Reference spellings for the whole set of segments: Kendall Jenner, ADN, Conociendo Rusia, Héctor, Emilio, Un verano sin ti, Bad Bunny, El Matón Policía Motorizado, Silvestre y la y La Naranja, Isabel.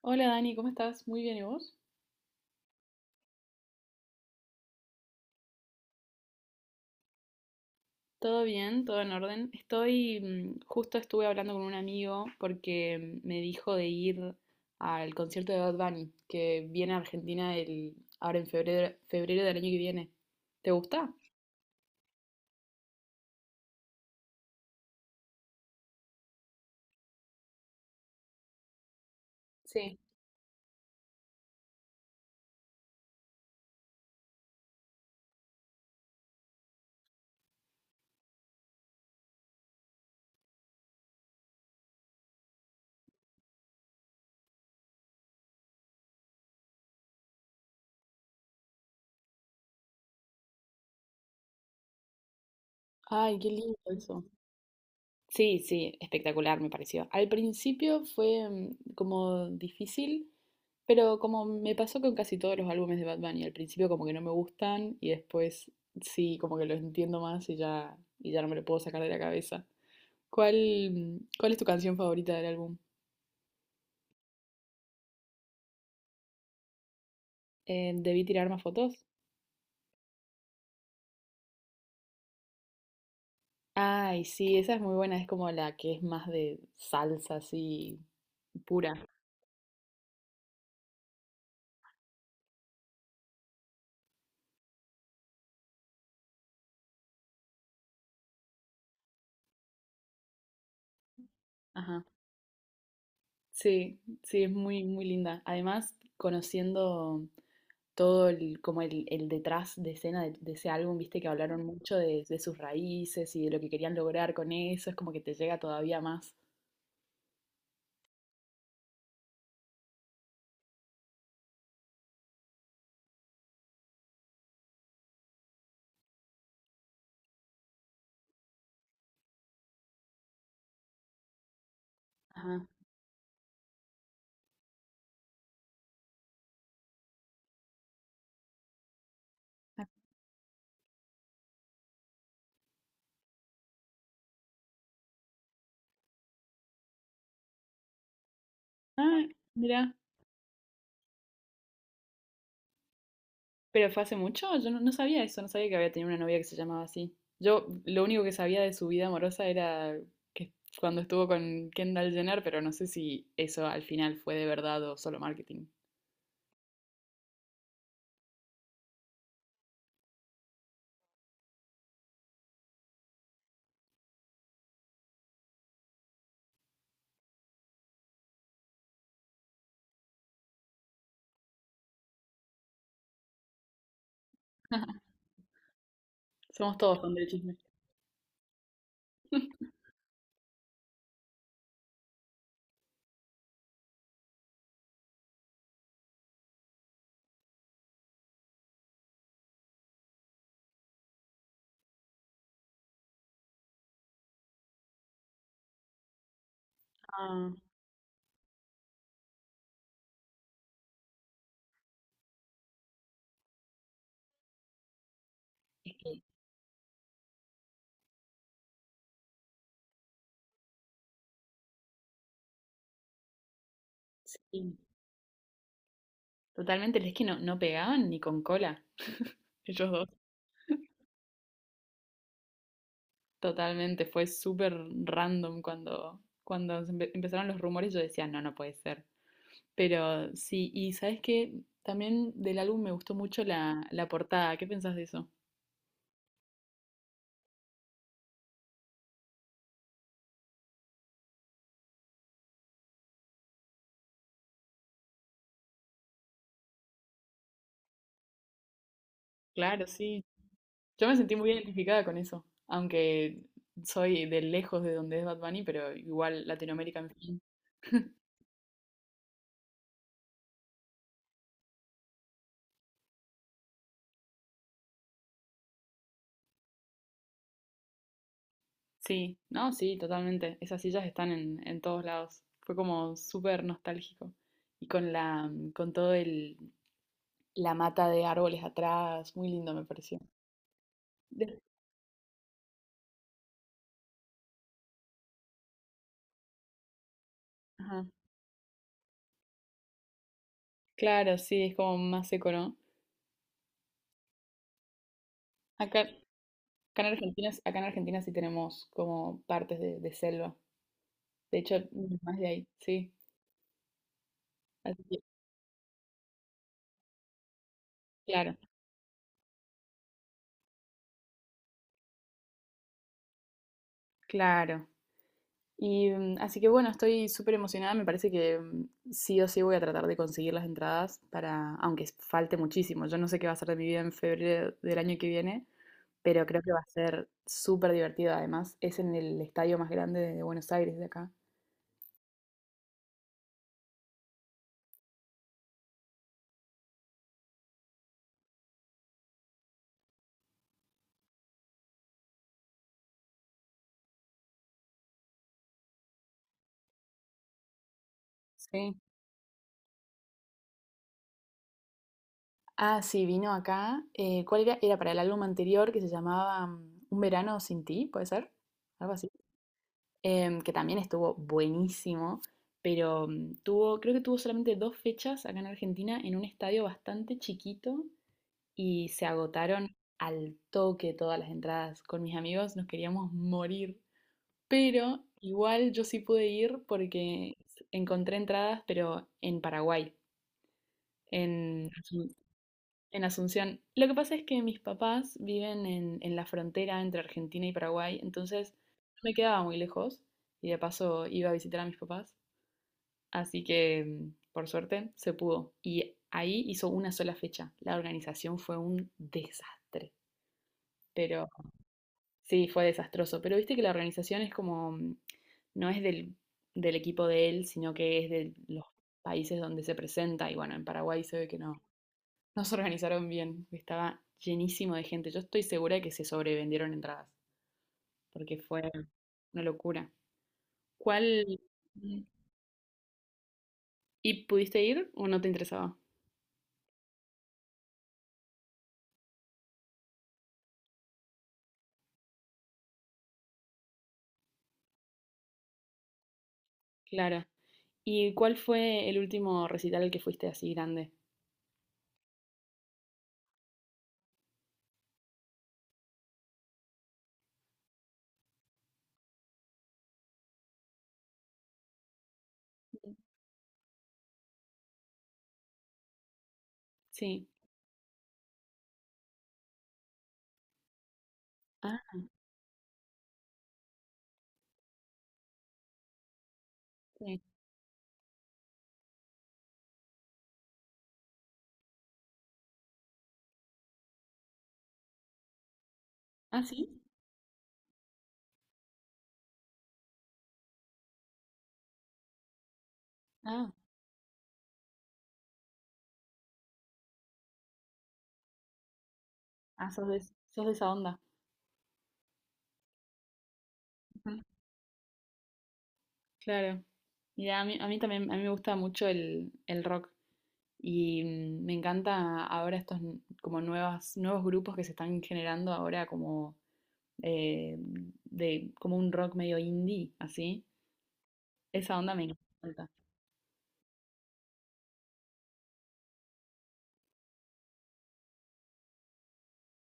Hola Dani, ¿cómo estás? Muy bien, ¿y vos? Todo bien, todo en orden. Estoy, justo estuve hablando con un amigo porque me dijo de ir al concierto de Bad Bunny, que viene a Argentina ahora en febrero, febrero del año que viene. ¿Te gusta? Sí. Ay, qué lindo eso. Sí, sí, espectacular me pareció. Al principio fue como difícil, pero como me pasó con casi todos los álbumes de Bad Bunny, al principio como que no me gustan y después sí, como que los entiendo más y ya no me lo puedo sacar de la cabeza. ¿Cuál es tu canción favorita del álbum? ¿Debí tirar más fotos? Ay, sí, esa es muy buena, es como la que es más de salsa así pura. Ajá. Sí, sí, es muy, muy linda. Además, conociendo todo el detrás de escena de ese álbum, viste que hablaron mucho de sus raíces y de lo que querían lograr con eso, es como que te llega todavía más. Ajá. Ah, mira, pero fue hace mucho, yo no sabía eso, no sabía que había tenido una novia que se llamaba así. Yo lo único que sabía de su vida amorosa era que cuando estuvo con Kendall Jenner, pero no sé si eso al final fue de verdad o solo marketing. Somos todos fan del chisme. Ah. Es que sí. Totalmente, es que no, no pegaban ni con cola. Ellos dos. Totalmente, fue súper random cuando se empezaron los rumores, yo decía, no, no puede ser. Pero sí, y ¿sabes qué? También del álbum me gustó mucho la portada. ¿Qué pensás de eso? Claro, sí. Yo me sentí muy identificada con eso, aunque soy de lejos de donde es Bad Bunny, pero igual Latinoamérica, en fin. Sí, no, sí, totalmente. Esas sillas están en todos lados. Fue como súper nostálgico. Y con con todo la mata de árboles atrás, muy lindo me pareció. De- Ajá. Claro, sí, es como más seco, ¿no? Acá, acá acá en Argentina sí tenemos como partes de selva. De hecho, más de ahí, sí. Así que, claro, claro. Y así que bueno, estoy súper emocionada. Me parece que sí o sí voy a tratar de conseguir las entradas para, aunque falte muchísimo. Yo no sé qué va a ser de mi vida en febrero del año que viene, pero creo que va a ser súper divertido. Además, es en el estadio más grande de Buenos Aires, de acá. Sí. Ah, sí, vino acá. ¿Cuál era? Era para el álbum anterior que se llamaba Un verano sin ti, ¿puede ser? Algo así. Que también estuvo buenísimo, pero creo que tuvo solamente dos fechas acá en Argentina en un estadio bastante chiquito y se agotaron al toque todas las entradas. Con mis amigos nos queríamos morir, pero igual yo sí pude ir porque encontré entradas, pero en Paraguay, en en Asunción. Lo que pasa es que mis papás viven en la frontera entre Argentina y Paraguay, entonces no me quedaba muy lejos y de paso iba a visitar a mis papás. Así que, por suerte, se pudo. Y ahí hizo una sola fecha. La organización fue un desastre, pero sí, fue desastroso. Pero viste que la organización es como, no es del equipo de él, sino que es de los países donde se presenta. Y bueno, en Paraguay se ve que no. Nos organizaron bien, estaba llenísimo de gente. Yo estoy segura de que se sobrevendieron entradas, porque fue una locura. ¿Cuál? Mm. ¿Y pudiste ir o no te interesaba? Claro. ¿Y cuál fue el último recital al que fuiste así grande? Mm. Sí. Ah, sí. Ah, sí. Ah, ah, sos de esa onda. Claro. Mira, a mí también, a mí me gusta mucho el rock y me encanta ahora estos como nuevos grupos que se están generando ahora como eh, de como un rock medio indie, así. Esa onda me encanta.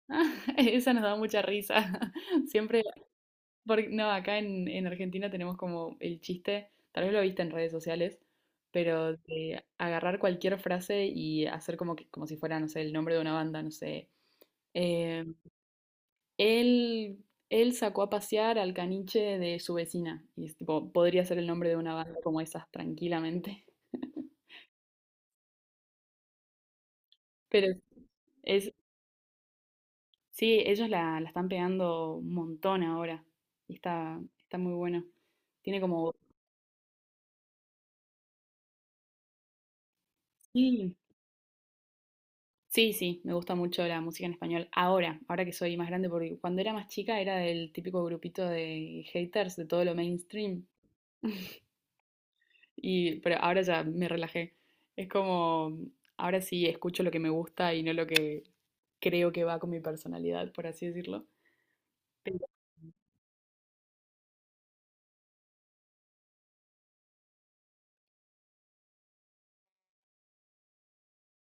Esa nos da mucha risa. Siempre, porque, no, acá en Argentina tenemos como el chiste, tal vez lo viste en redes sociales, pero de agarrar cualquier frase y hacer como que, como si fuera, no sé, el nombre de una banda, no sé. eh, Él, él sacó a pasear al caniche de su vecina. Y es tipo, podría ser el nombre de una banda como esas, tranquilamente. Pero es, sí, ellos la están pegando un montón ahora. Y está muy buena. Tiene como. Sí, sí, sí, me gusta mucho la música en español. Ahora que soy más grande, porque cuando era más chica era del típico grupito de haters de todo lo mainstream. Pero ahora ya me relajé. Es como, ahora sí escucho lo que me gusta y no lo que creo que va con mi personalidad, por así decirlo. Pero,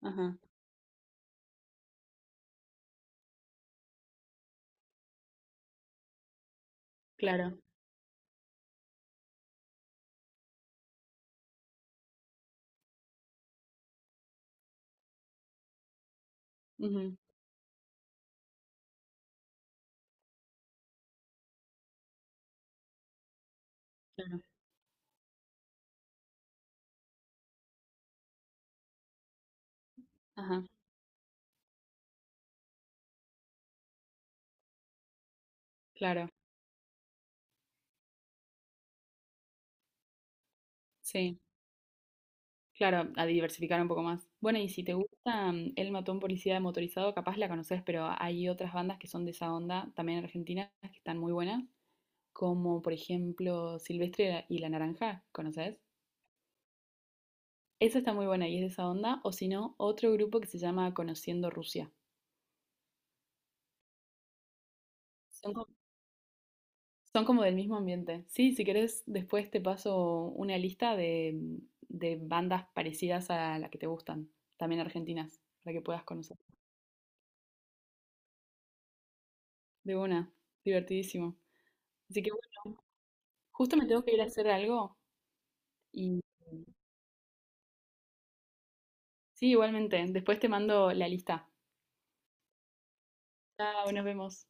ajá, claro. Ujú, claro. Ajá, claro. Sí, claro, a diversificar un poco más. Bueno, y si te gusta El Matón Policía Motorizado, capaz la conoces, pero hay otras bandas que son de esa onda, también argentinas, que están muy buenas, como por ejemplo Silvestre y La Naranja, ¿conoces? Esa está muy buena y es de esa onda, o si no, otro grupo que se llama Conociendo Rusia. Son, co- son como del mismo ambiente. Sí, si querés, después te paso una lista de bandas parecidas a la que te gustan, también argentinas, para que puedas conocer. De una, divertidísimo. Así que bueno, justo me tengo que ir a hacer algo y sí, igualmente, después te mando la lista. Chao, nos vemos.